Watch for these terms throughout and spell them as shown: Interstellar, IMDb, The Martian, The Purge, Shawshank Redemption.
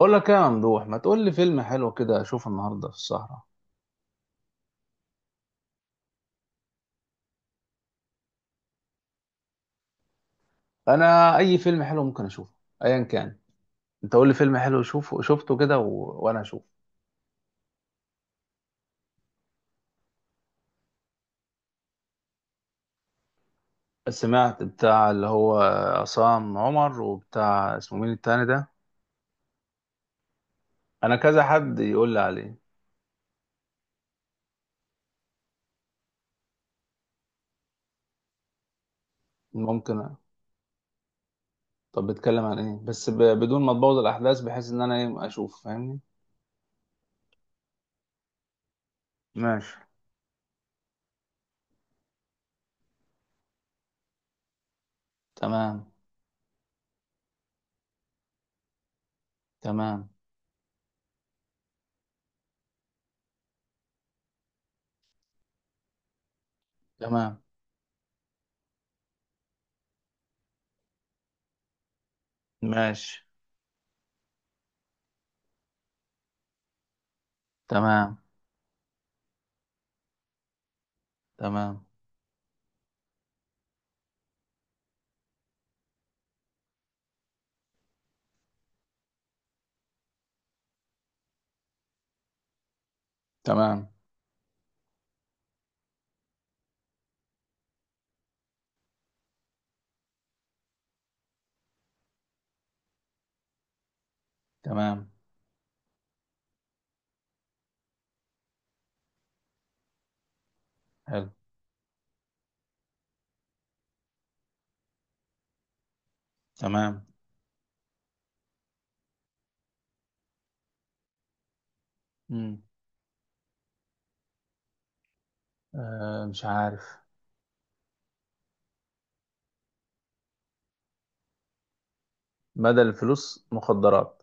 اقول لك ايه يا ممدوح؟ ما تقول لي فيلم حلو كده اشوفه النهارده في السهره. انا اي فيلم حلو ممكن اشوفه، ايا كان. انت قول لي فيلم حلو شوفه شفته كده وانا اشوفه. سمعت بتاع اللي هو عصام عمر وبتاع، اسمه مين التاني ده؟ انا كذا حد يقول لي عليه. ممكن أ- طب بيتكلم عن ايه بس بدون ما تبوظ الاحداث، بحيث ان انا ايه اشوف، فاهمني؟ ماشي. تمام. تمام. تمام. ماشي. تمام. تمام. تمام. تمام. حلو. تمام. مم. آه مش عارف. بدل الفلوس مخدرات؟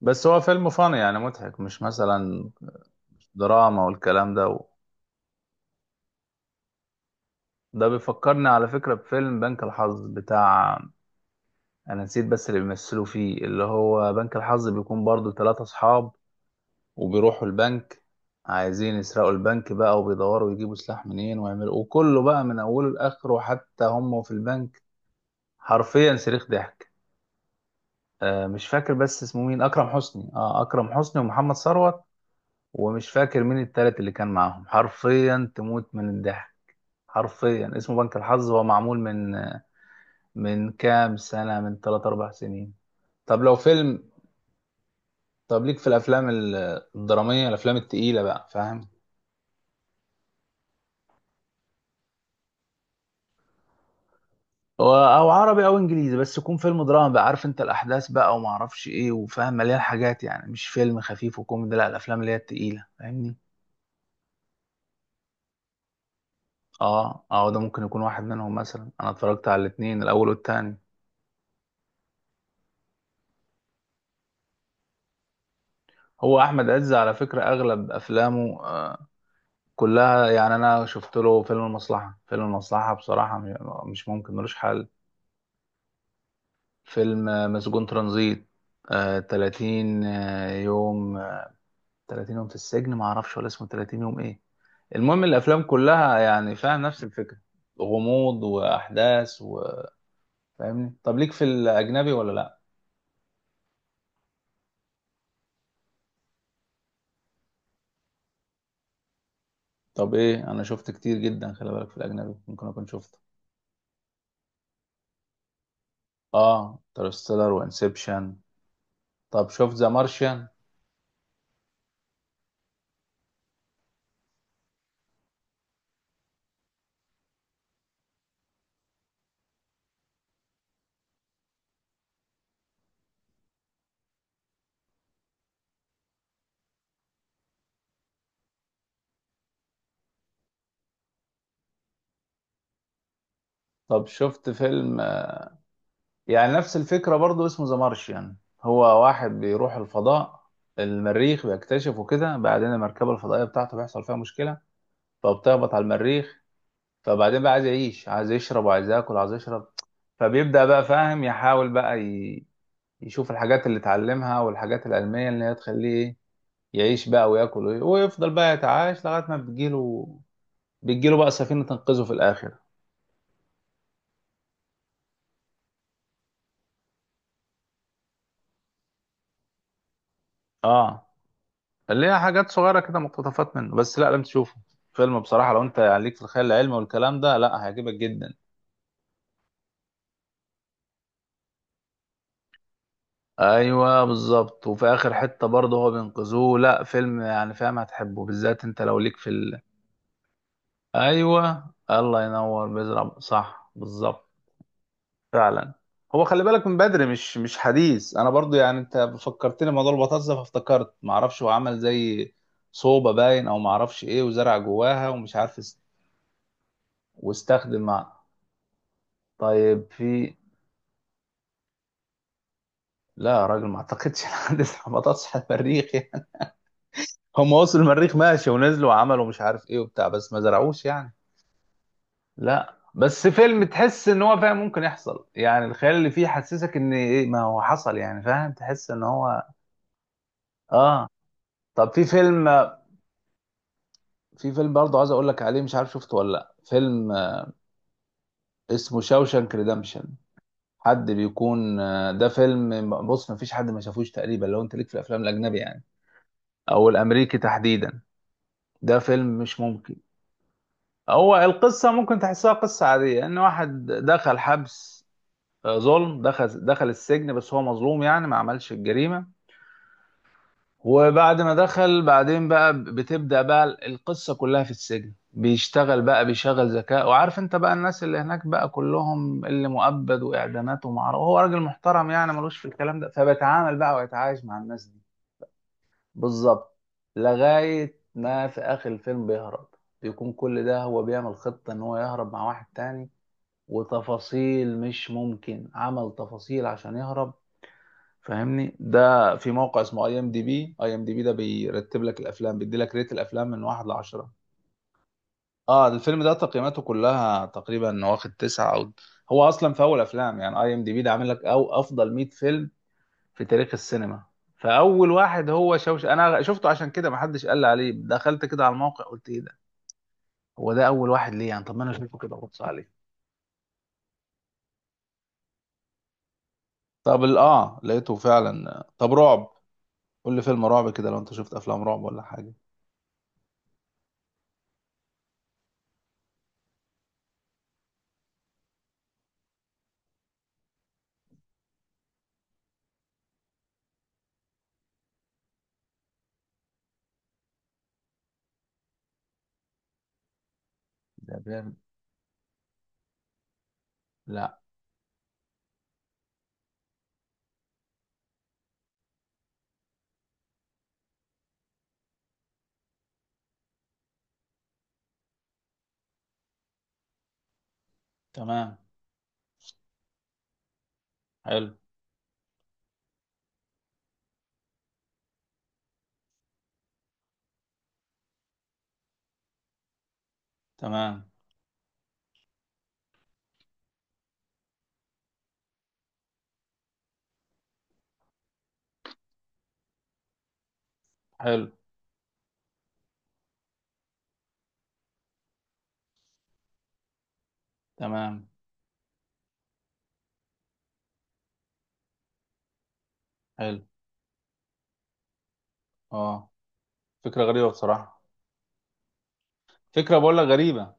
بس هو فيلم فن يعني مضحك، مش مثلا دراما والكلام ده ده بيفكرني على فكرة بفيلم بنك الحظ بتاع، أنا نسيت بس اللي بيمثلوا فيه. اللي هو بنك الحظ بيكون برضو ثلاثة أصحاب وبيروحوا البنك، عايزين يسرقوا البنك بقى، وبيدوروا يجيبوا سلاح منين ويعملوا، وكله بقى من أوله لآخره حتى هم في البنك حرفيا صريخ ضحك. آه مش فاكر بس اسمه مين، أكرم حسني؟ آه أكرم حسني ومحمد ثروت، ومش فاكر مين التالت اللي كان معاهم. حرفيا تموت من الضحك. حرفيا اسمه بنك الحظ، هو معمول من كام سنة؟ من 3 4 سنين. طب لو فيلم، طب ليك في الافلام الدرامية، الافلام التقيلة بقى، فاهم؟ او عربي او انجليزي، بس يكون فيلم دراما بقى، عارف انت الاحداث بقى، وما اعرفش ايه، وفاهم، مليان حاجات، يعني مش فيلم خفيف وكوميدي، لا الافلام اللي هي التقيلة، فاهمني؟ اه اه، ده ممكن يكون واحد منهم مثلا. انا اتفرجت على الاتنين، الاول والتاني. هو احمد عز على فكره اغلب افلامه كلها يعني. انا شفت له فيلم المصلحه، فيلم المصلحه بصراحه مش ممكن، ملوش حل. فيلم مسجون ترانزيت، 30 يوم 30 يوم في السجن، ما اعرفش ولا اسمه 30 يوم ايه. المهم الافلام كلها يعني فيها نفس الفكره، غموض واحداث، وفاهمني. طب ليك في الاجنبي ولا لا؟ طب ايه، انا شفت كتير جدا، خلي بالك، في الاجنبي ممكن اكون شفته. اه انترستيلر وانسبشن. طب شفت ذا مارشيان؟ طب شفت فيلم يعني نفس الفكرة برضو اسمه ذا مارشيان؟ هو واحد بيروح الفضاء، المريخ، بيكتشف وكده. بعدين المركبة الفضائية بتاعته بيحصل فيها مشكلة، فبتهبط على المريخ. فبعدين بقى عايز يعيش، عايز يشرب، وعايز ياكل، عايز يشرب. فبيبدأ بقى، فاهم، يحاول بقى يشوف الحاجات اللي اتعلمها، والحاجات العلمية اللي هي تخليه إيه، يعيش بقى وياكل ويفضل بقى يتعايش لغاية ما بتجيله. بتجيله بقى سفينة تنقذه في الآخر. اه اللي هي حاجات صغيرة كده مقتطفات منه، بس لا لازم تشوفه. فيلم بصراحة لو انت يعني ليك في الخيال العلمي والكلام ده، لا هيعجبك جدا. ايوه بالظبط، وفي اخر حتة برضه هو بينقذوه. لا فيلم يعني فاهم هتحبه، بالذات انت لو ليك في ايوه الله ينور، بيزرع، صح بالظبط. فعلا. هو خلي بالك من بدري، مش حديث، انا برضه يعني انت فكرتني موضوع البطاطس ده فافتكرت، معرفش هو عمل زي صوبة باين او معرفش ايه، وزرع جواها ومش عارف واستخدم مع. طيب في، لا يا راجل ما اعتقدش الحدث بطاطس على المريخ يعني. هم وصلوا المريخ، ماشي، ونزلوا وعملوا مش عارف ايه وبتاع، بس ما زرعوش يعني. لا بس فيلم تحس ان هو، فاهم، ممكن يحصل. يعني الخيال اللي فيه حسسك ان ايه، ما هو حصل يعني، فاهم، تحس ان هو، اه. طب في فيلم، في فيلم برضه عايز اقول لك عليه، مش عارف شفته ولا لا، فيلم اسمه شاوشانك ريدمشن، حد بيكون. ده فيلم بص، ما فيش حد ما شافوش تقريبا، لو انت ليك في الافلام الاجنبي يعني، او الامريكي تحديدا، ده فيلم مش ممكن. هو القصة ممكن تحسها قصة عادية، ان واحد دخل حبس، ظلم، دخل السجن، بس هو مظلوم يعني ما عملش الجريمة. وبعد ما دخل بعدين بقى بتبدأ بقى القصة كلها في السجن، بيشتغل بقى، بيشغل ذكاء، وعارف انت بقى الناس اللي هناك بقى كلهم اللي مؤبد واعدامات، ومعرفة هو راجل محترم يعني، ملوش في الكلام ده، فبيتعامل بقى ويتعايش مع الناس دي. بالظبط. لغاية ما في آخر الفيلم بيهرب. بيكون كل ده هو بيعمل خطة ان هو يهرب مع واحد تاني، وتفاصيل مش ممكن، عمل تفاصيل عشان يهرب، فاهمني؟ ده في موقع اسمه اي ام دي بي، اي ام دي بي ده بيرتب لك الافلام، بيدي لك ريت الافلام من واحد لعشرة. اه الفيلم ده تقييماته كلها تقريبا واخد تسعة او، هو اصلا في اول افلام يعني، اي ام دي بي ده عامل لك او افضل 100 فيلم في تاريخ السينما. فاول واحد هو شوش، انا شفته عشان كده، ما حدش قال لي عليه، دخلت كده على الموقع قلت ايه ده، هو ده اول واحد ليه يعني؟ طب ما انا اشوفه كده وابص عليه. طب اه لقيته فعلا. طب رعب، قول لي فيلم رعب كده، لو انت شفت افلام رعب ولا حاجه. ده بيعمل- لا. تمام. حلو. تمام. حلو. تمام. حلو. اه. فكره غريبه بصراحه. فكره بقول لك غريبه.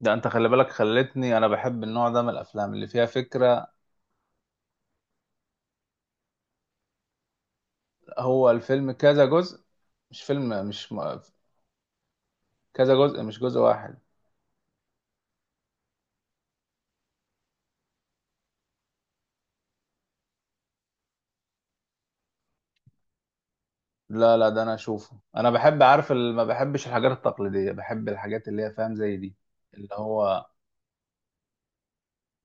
ده انت خلي بالك، خلتني انا بحب النوع ده من الافلام اللي فيها فكره. هو الفيلم كذا جزء؟ مش فيلم مش م... كذا جزء مش جزء واحد؟ لا لا ده انا اشوفه، انا بحب، عارف ما بحبش الحاجات التقليديه، بحب الحاجات اللي هي، فاهم، زي دي. اللي هو،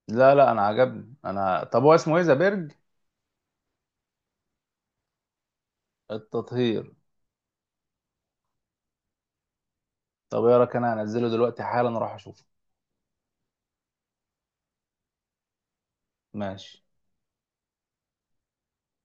لا لا انا عجبني انا. طب هو اسمه ايه، ذا بيرج؟ التطهير. طب ايه رايك، انا هنزله دلوقتي حالا اروح اشوفه. ماشي.